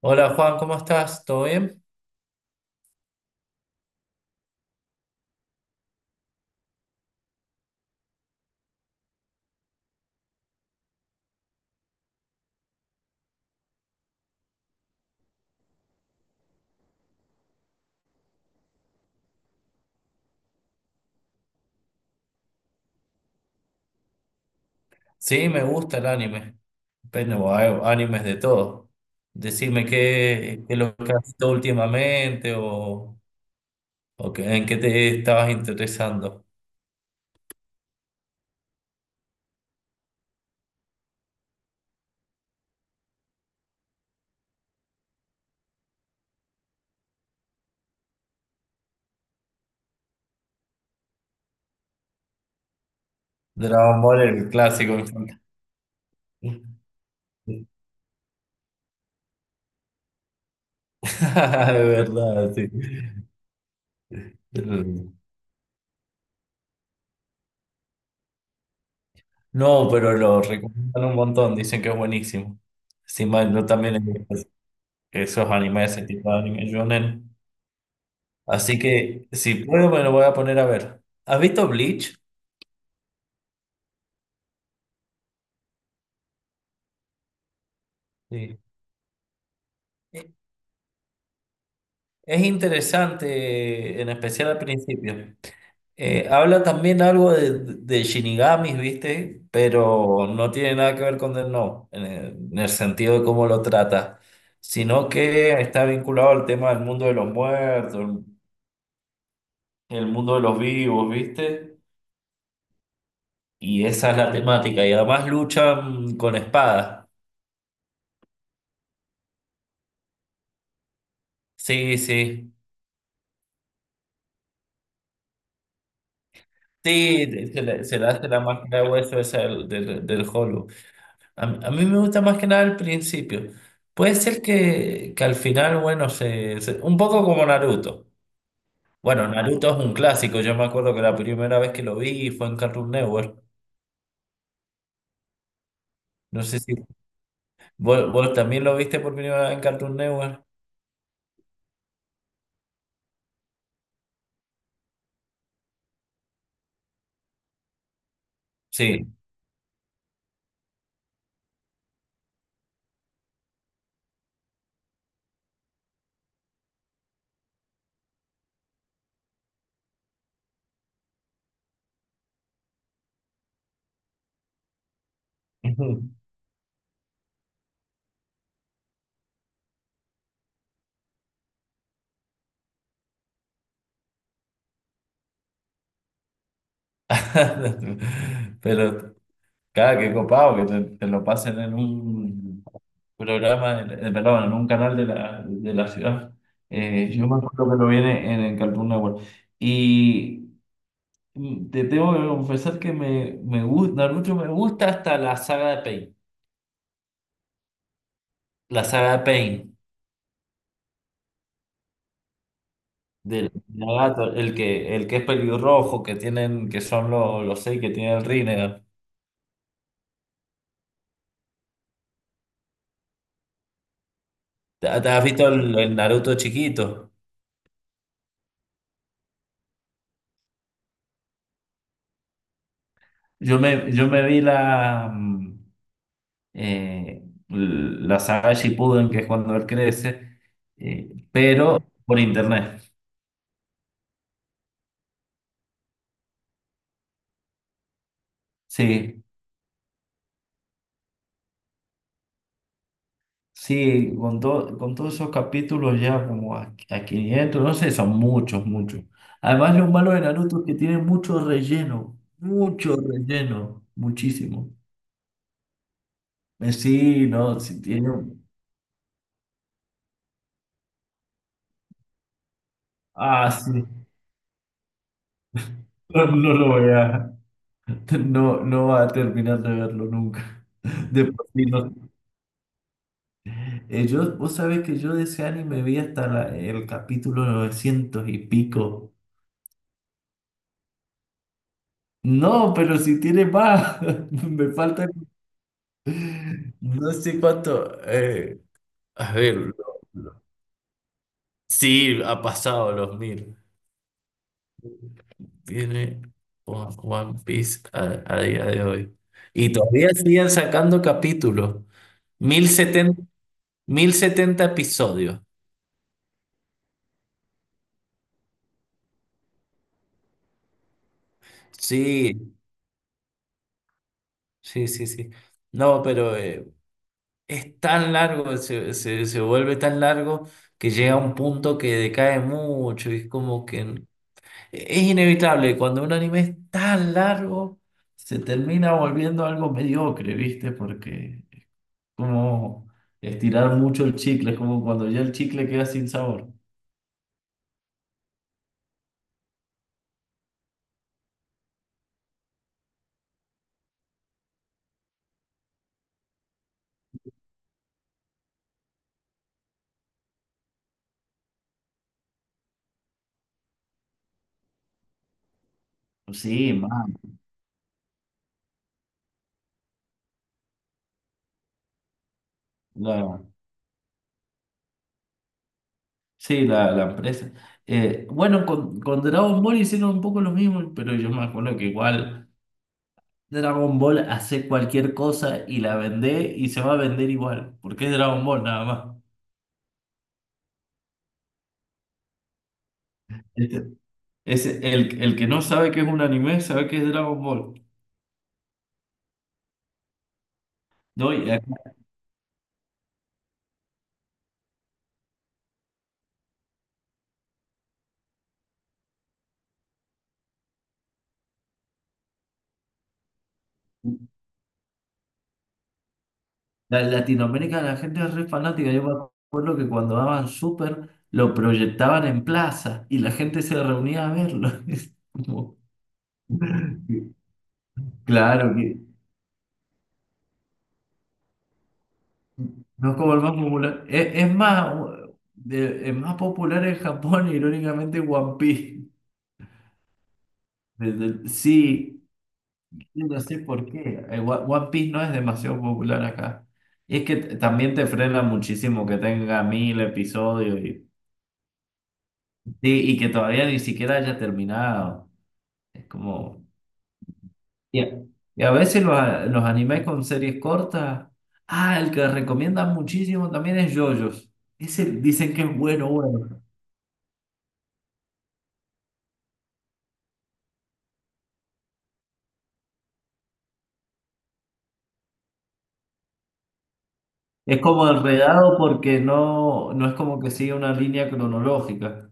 Hola Juan, ¿cómo estás? ¿Todo bien? Sí, me gusta el anime. Pero hay animes de todo. Decime qué es lo que has visto últimamente o en qué te estabas interesando. Dragon Ball, el clásico. Me encanta. De verdad, sí. No, pero lo recomiendan un montón, dicen que es buenísimo. Encima yo también he visto esos animes, ese tipo de anime shonen. Así que si puedo me lo voy a poner a ver. ¿Has visto Bleach? Sí. E- Es interesante, en especial al principio. Habla también algo de Shinigamis, ¿viste? Pero no tiene nada que ver con Death Note, en el sentido de cómo lo trata, sino que está vinculado al tema del mundo de los muertos, el mundo de los vivos, ¿viste? Y esa es la temática. Y además luchan con espadas. Sí, sí. Sí, se le hace la máscara de hueso esa del Hollow. A mí me gusta más que nada al principio. Puede ser que al final, bueno, un poco como Naruto. Bueno, Naruto es un clásico. Yo me acuerdo que la primera vez que lo vi fue en Cartoon Network. No sé si vos también lo viste por primera vez en Cartoon Network. Sí. Pero, cada que copado que te lo pasen en un, perdón, en un canal de la ciudad. Yo me acuerdo que lo viene en el Cartoon Network. Y te tengo que confesar que me gusta, Naruto me gusta hasta la saga de Pain. La saga de Pain, del Nagato, el que es pelirrojo, que tienen, que son los 6 que tienen el Rinnegan. ¿Te has visto el Naruto chiquito? Yo me vi la. Eh, la saga Shippuden, que es cuando él crece, pero por internet. Sí, sí, con todos esos capítulos ya como a 500 no sé, son muchos, muchos. Además, lo malo de Naruto es que tiene mucho relleno, muchísimo. Sí, no, sí tiene... Ah, sí, no, no lo voy a... No, no va a terminar de verlo nunca. De por sí, no- yo, vos sabés que yo de ese anime vi hasta el capítulo 900 y pico. No, pero si tiene más, me falta no sé cuánto. A ver, lo- Sí, ha pasado los 1000. Tiene One Piece a día de hoy. Y todavía siguen sacando capítulos. mil setenta, 1070 episodios. Sí, sí, sí, sí. No, pero es tan largo, se vuelve tan largo que llega a un punto que decae mucho y es como que es inevitable, cuando un anime es tan largo, se termina volviendo algo mediocre, ¿viste? Porque es como estirar mucho el chicle, es como cuando ya el chicle queda sin sabor. Sí, man, la, sí, la empresa. Bueno, con Dragon Ball hicieron un poco lo mismo, pero yo me acuerdo que igual... Dragon Ball hace cualquier cosa y la vende y se va a vender igual, porque es Dragon Ball nada más. Este- Es el que no sabe que es un anime, sabe que es Dragon Ball. No, y aquí- La en Latinoamérica la gente es re fanática. Yo me acuerdo que cuando daban Super lo proyectaban en plaza y la gente se reunía a verlo. Es como- Claro que no es como el más popular. Es más, de- es más popular en Japón, irónicamente, One Piece. Desde- sí. No sé por qué. One Piece no es demasiado popular acá. Y es que también te frena muchísimo que tenga 1000 episodios y, sí, y que todavía ni siquiera haya terminado. Es como... Y y a veces los animes con series cortas... Ah, el que recomiendan muchísimo también es JoJo's. Ese dicen que es bueno, bueno. Es como enredado porque no es como que sigue una línea cronológica.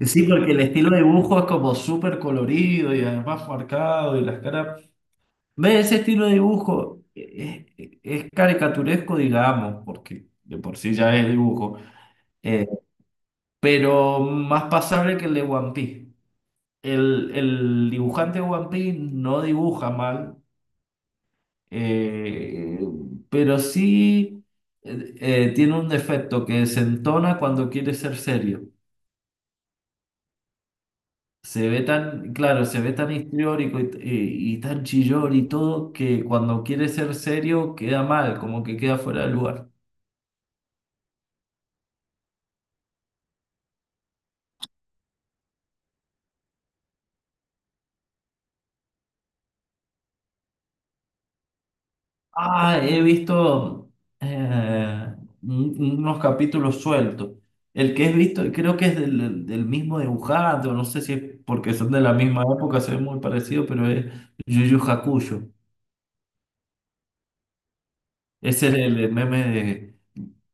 Sí, porque el estilo de dibujo es como súper colorido y además marcado y las caras... Ve, ese estilo de dibujo es caricaturesco, digamos, porque de por sí ya es dibujo, eh, pero más pasable que el de One Piece. El dibujante de One Piece no dibuja mal, eh, pero sí tiene un defecto que se entona cuando quiere ser serio. Se ve tan, claro, se ve tan histriónico y tan chillón y todo que cuando quiere ser serio queda mal, como que queda fuera de lugar. Ah, he visto eh, un- unos capítulos sueltos. El que he visto, creo que es del mismo dibujante, o no sé si es porque son de la misma época, se ve muy parecido, pero es Yu Yu Hakusho. Es el meme de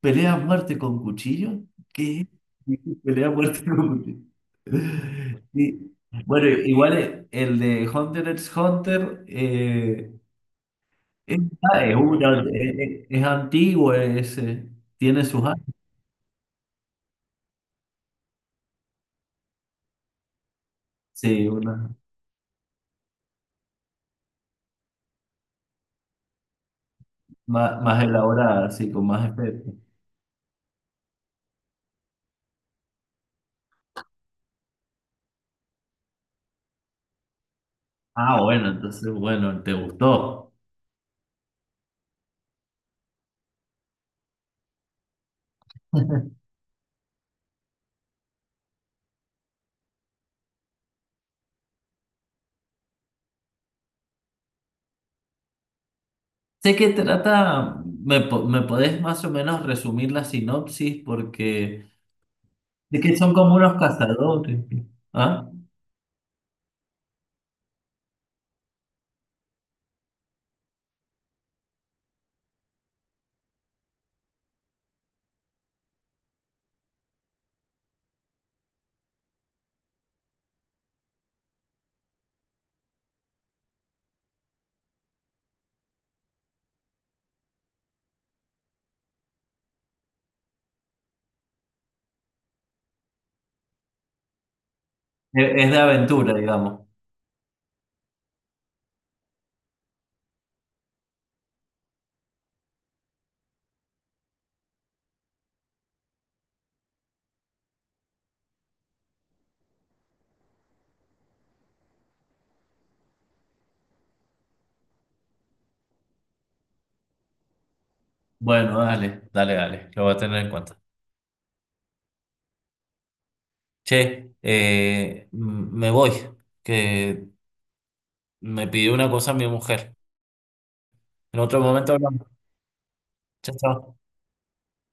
pelea a muerte con cuchillo. ¿Qué? Pelea a muerte con cuchillo. Y, bueno, igual el de Hunter x Hunter es, ah, es una- es antiguo, tiene sus años, sí, una, más elaborada, así, con más efectos. Ah, bueno, entonces, bueno, te gustó. Sé que trata, me podés más o menos resumir la sinopsis porque de que son como unos cazadores. ¿Ah? Es de aventura, digamos. Bueno, dale, dale, dale. Lo voy a tener en cuenta. Che, me voy, que me pidió una cosa mi mujer. En otro momento hablamos. Chao, chao.